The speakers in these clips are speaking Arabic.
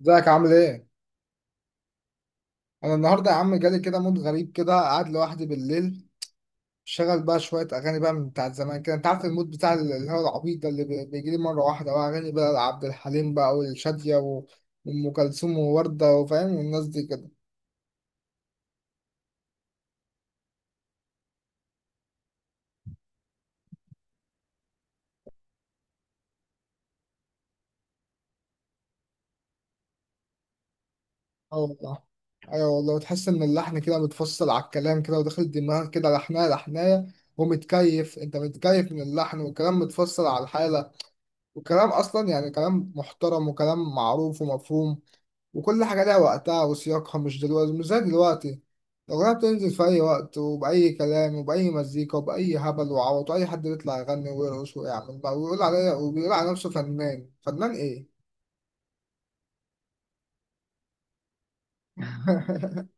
ازيك عامل ايه؟ انا النهارده يا عم جالي كده مود غريب كده قاعد لوحدي بالليل. شغل بقى شويه اغاني بقى من بتاعت زمان كده، انت عارف المود بتاع اللي هو العبيط ده اللي بيجي لي مره واحده، بقى اغاني بقى لعبد الحليم بقى والشاديه وام كلثوم وورده وفاهم والناس دي كده. اه والله. ايوه والله، تحس ان اللحن كده متفصل على الكلام كده وداخل دماغك كده لحنايه لحنايه. ومتكيف، انت متكيف من اللحن، والكلام متفصل على الحاله. والكلام اصلا يعني كلام محترم وكلام معروف ومفهوم. وكل حاجة لها وقتها وسياقها، مش دلوقتي، مش زي دلوقتي. الأغنية بتنزل في أي وقت وبأي كلام وبأي مزيكا وبأي هبل وعوط، وأي حد يطلع يغني ويرقص ويعمل بقى، ويقول عليا، وبيقول على نفسه فنان. فنان إيه؟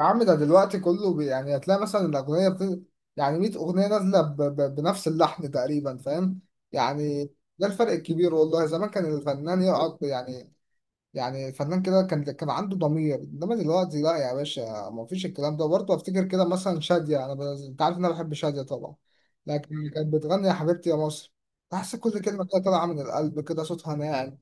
يا عم ده دلوقتي كله بي يعني، هتلاقي مثلا الأغنية بت... يعني 100 أغنية نازلة ب... ب... بنفس اللحن تقريبا، فاهم؟ يعني ده الفرق الكبير والله. زمان كان الفنان يقعد يعني، يعني فنان كده، كان عنده ضمير، انما دلوقتي لا يا باشا. ما فيش الكلام ده برضه. افتكر كده مثلا شادية، انا ب...، انت عارف ان انا بحب شادية طبعا، لكن كانت بتغني يا حبيبتي يا مصر. تحس كل كلمة كده طالعة من القلب كده، صوتها ناعم،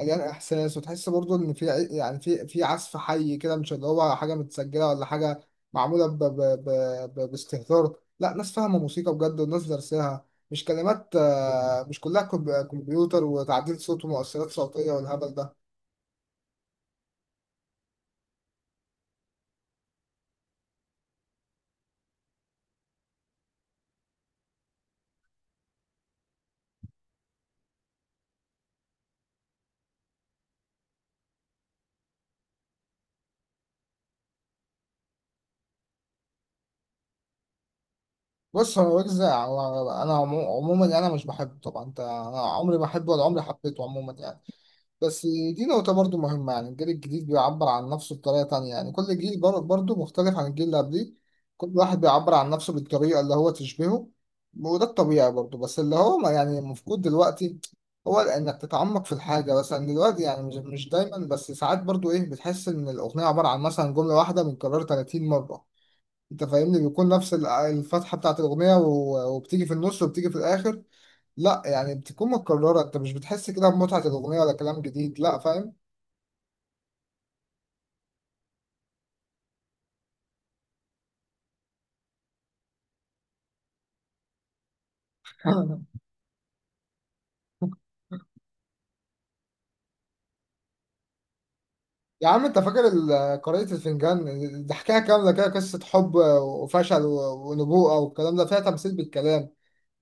مليان احساس، وتحس برضه ان في يعني في عزف حي كده، مش اللي هو حاجة متسجلة ولا حاجة معمولة ب... ب... ب... ب... باستهتار. لا، ناس فاهمة موسيقى بجد، والناس درسها، مش كلمات، مش كلها كمبيوتر وتعديل صوت ومؤثرات صوتية والهبل ده. بص، هو ويجز انا عموما انا مش بحبه طبعا، انت انا عمري ما بحبه ولا عمري حبيته عموما يعني. بس دي نقطة برضو مهمة، يعني الجيل الجديد بيعبر عن نفسه بطريقة تانية، يعني كل جيل برضو مختلف عن الجيل اللي قبليه. كل واحد بيعبر عن نفسه بالطريقة اللي هو تشبهه. وده الطبيعي برضو. بس اللي هو ما يعني مفقود دلوقتي هو انك تتعمق في الحاجة. مثلا دلوقتي يعني مش دايما، بس ساعات برضو ايه، بتحس ان الاغنية عبارة عن مثلا جملة واحدة متكررة 30 مرة، انت فاهمني، بيكون نفس الفتحه بتاعت الاغنيه وبتيجي في النص وبتيجي في الاخر. لا يعني بتكون متكرره، انت مش بتحس كده بمتعه الاغنيه ولا كلام جديد، لا فاهم. يا عم انت فاكر قارئة الفنجان؟ ده حكايه كامله كده، قصه حب وفشل ونبوءه والكلام ده، فيها تمثيل بالكلام،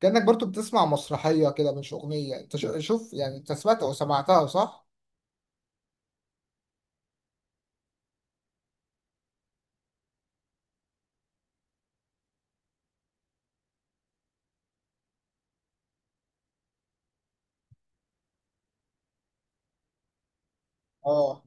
كانك برضو بتسمع مسرحيه كده مش اغنيه. انت شوف يعني، انت سمعت او سمعتها صح؟ اه.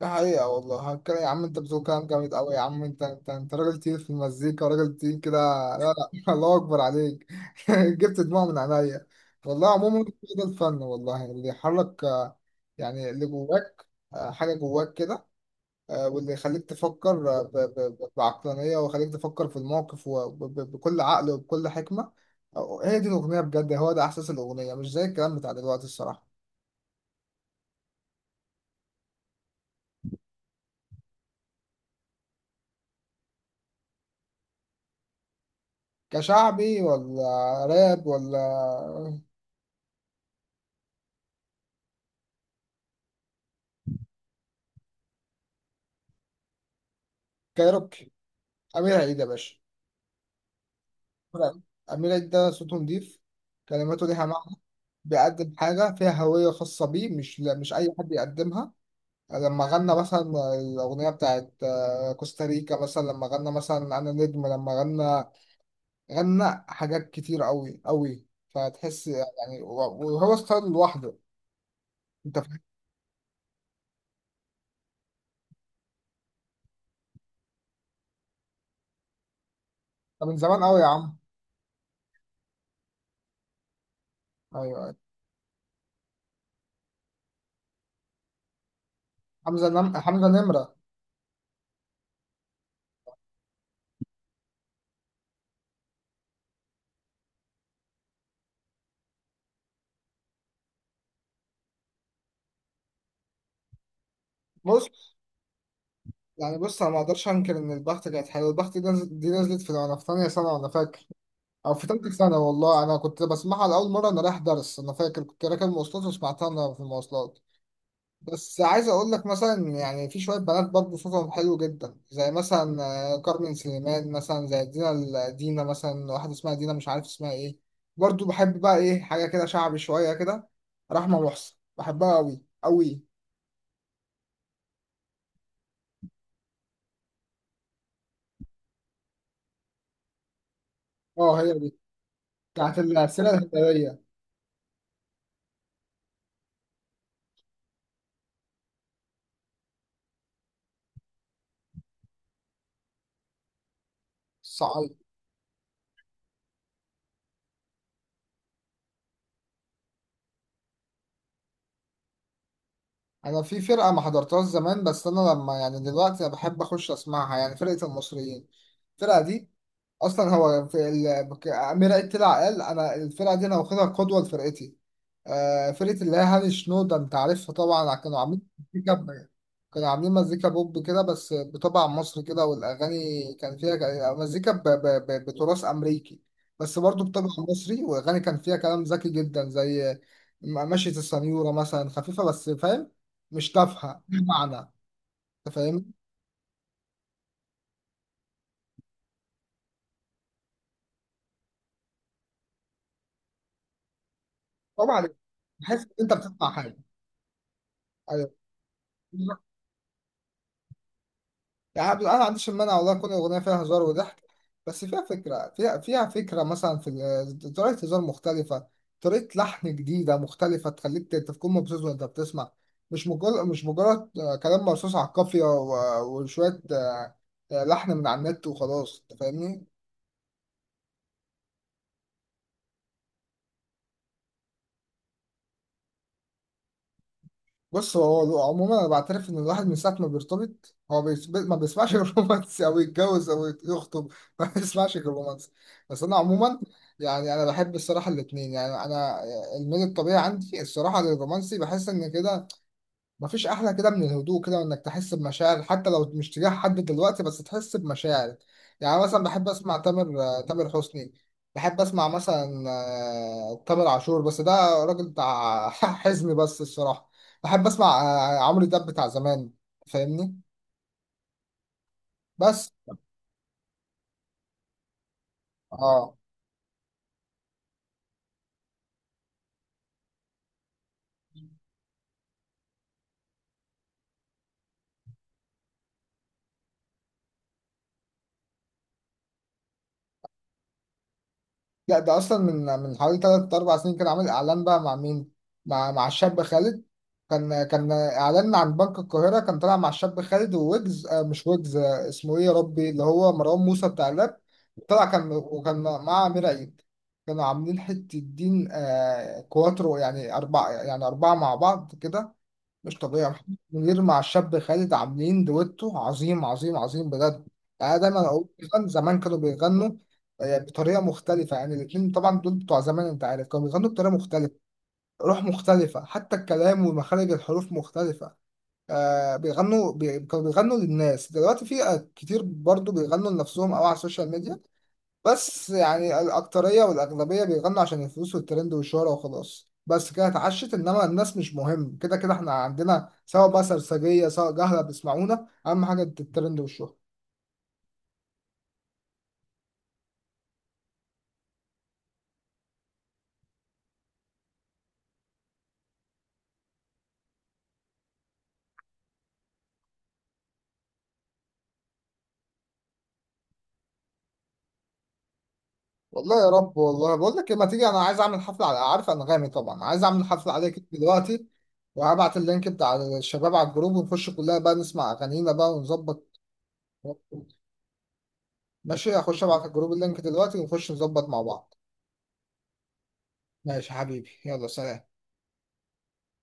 ده حقيقة والله، هتكلم يا عم، انت بتقول كلام جامد قوي يا عم، انت انت راجل تقيل في المزيكا، راجل تقيل كده. لا. الله اكبر عليك. جبت دموع من عينيا والله. عموما ده الفن والله، اللي يحرك، يعني اللي جواك، حاجة جواك كده، واللي يخليك تفكر، بعقلانية، ويخليك تفكر في الموقف وبكل عقل وبكل حكمة. هي دي الأغنية بجد، هو ده إحساس الأغنية، مش زي الكلام بتاع دلوقتي الصراحة. كشعبي ولا راب ولا؟ كايروكي. أمير عيد يا باشا. أمير عيد. أمير عيد ده صوته نضيف، كلماته ليها معنى، بيقدم حاجة فيها هوية خاصة بيه، مش مش أي حد يقدمها. لما غنى مثلا الأغنية بتاعت، كوستاريكا مثلا، لما غنى مثلا أنا نجم، لما غنى، غنى حاجات كتير أوي أوي، فتحس يعني وهو ستايل لوحده، أنت فاهم. ده من زمان أوي يا عم. أيوه. حمزة نمرة. بص يعني، بص أنا ما أقدرش أنكر إن البخت كانت حلوة. البخت دي نزلت، دي نزلت في وأنا في تانية سنة وأنا فاكر، أو في تالتة سنة، والله أنا كنت بسمعها لأول مرة أنا رايح درس، أنا فاكر كنت راكب مواصلات وسمعتها أنا في المواصلات. بس عايز أقول لك مثلا يعني، في شوية بنات برضه صوتهم حلو جدا، زي مثلا كارمن سليمان مثلا، زي دينا مثلا، واحدة اسمها دينا مش عارف اسمها إيه. برضه بحب بقى إيه حاجة كده شعبي شوية كده، رحمة محسن بحبها أوي أوي. أه هي دي. بتاعت السيرة الهلالية. انا في فرقه ما حضرتهاش زمان، بس انا لما يعني دلوقتي انا بحب اخش اسمعها، يعني فرقه المصريين، الفرقه دي، اصلا هو في ال...، امير عيد طلع قال انا الفرقه دي انا واخدها قدوه لفرقتي. آه، فرقه اللي هي هاني شنودة، انت عارفها طبعا، كانوا عاملين مزيكا كانوا عاملين مزيكا بوب كده، بس بطبع مصري كده، والاغاني كان فيها مزيكا ب... ب... ب... بتراث امريكي، بس برضه بطبع مصري، واغاني كان فيها كلام ذكي جدا زي مشية السنيوره مثلا، خفيفه بس فاهم، مش تافهه، ليها معنى، انت فاهم. طبعا، تحس ان انت بتسمع حاجه. ايوه. يعني أنا ما عنديش المانع والله تكون الأغنية فيها هزار وضحك، بس فيها فكرة، فيها فكرة، مثلا في طريقة هزار مختلفة، طريقة لحن جديدة مختلفة، تخليك تكون مبسوط وأنت بتسمع، مش مجرد، مش مجرد كلام مرصوص على القافية وشوية، لحن من على النت وخلاص، أنت فاهمني؟ بص، هو عموما انا بعترف ان الواحد من ساعه ما بيرتبط هو ما بيسمعش غير رومانسي، او يتجوز او يخطب، ما بيسمعش غير رومانسي. بس انا عموما يعني انا بحب الصراحه الاثنين، يعني انا الميل الطبيعي عندي الصراحه للرومانسي. بحس ان كده مفيش أحلى كده من الهدوء كده، وإنك تحس بمشاعر حتى لو مش تجاه حد دلوقتي، بس تحس بمشاعر. يعني مثلا بحب أسمع تامر حسني، بحب أسمع مثلا تامر عاشور، بس ده راجل بتاع حزن بس الصراحة. بحب أسمع عمرو دياب بتاع زمان، فاهمني. بس اه. لا ده اصلا من حوالي ثلاث اربع سنين، كان عامل اعلان بقى مع مين؟ مع الشاب خالد. كان اعلان عن بنك القاهره، كان طالع مع الشاب خالد وويجز، آه مش ويجز، آه اسمه ايه يا ربي، اللي هو مروان موسى بتاع الراب، طلع كان، وكان مع امير عيد. كانوا عاملين حته الدين، آه كواترو يعني اربعه، يعني اربعه مع بعض كده. مش طبيعي محمد منير مع الشاب خالد، عاملين دويتو عظيم عظيم عظيم بجد. يعني انا دايما اقول، زمان كانوا بيغنوا بطريقه مختلفه، يعني الاثنين طبعا دول بتوع زمان، انت عارف كانوا بيغنوا بطريقه مختلفه، روح مختلفه، حتى الكلام ومخارج الحروف مختلفه. آه بيغنوا بي...، كانوا بيغنوا للناس. دلوقتي في كتير برضو بيغنوا لنفسهم او على السوشيال ميديا، بس يعني الأكترية والأغلبية بيغنوا عشان الفلوس والترند والشهرة وخلاص. بس كده اتعشت، إنما الناس مش مهم، كده كده إحنا عندنا سواء بقى سرسجية سواء جهلة بيسمعونا، أهم حاجة الترند والشهرة. والله يا رب. والله بقول لك إيه، ما تيجي، أنا عايز أعمل حفلة على عارف أنغامي طبعا، عايز أعمل حفلة عليك دلوقتي، وهبعت اللينك بتاع الشباب على الجروب، ونخش كلنا بقى نسمع أغانينا بقى ونظبط. ماشي هخش أبعت الجروب اللينك دلوقتي، ونخش نظبط مع بعض. ماشي يا حبيبي، يلا سلام.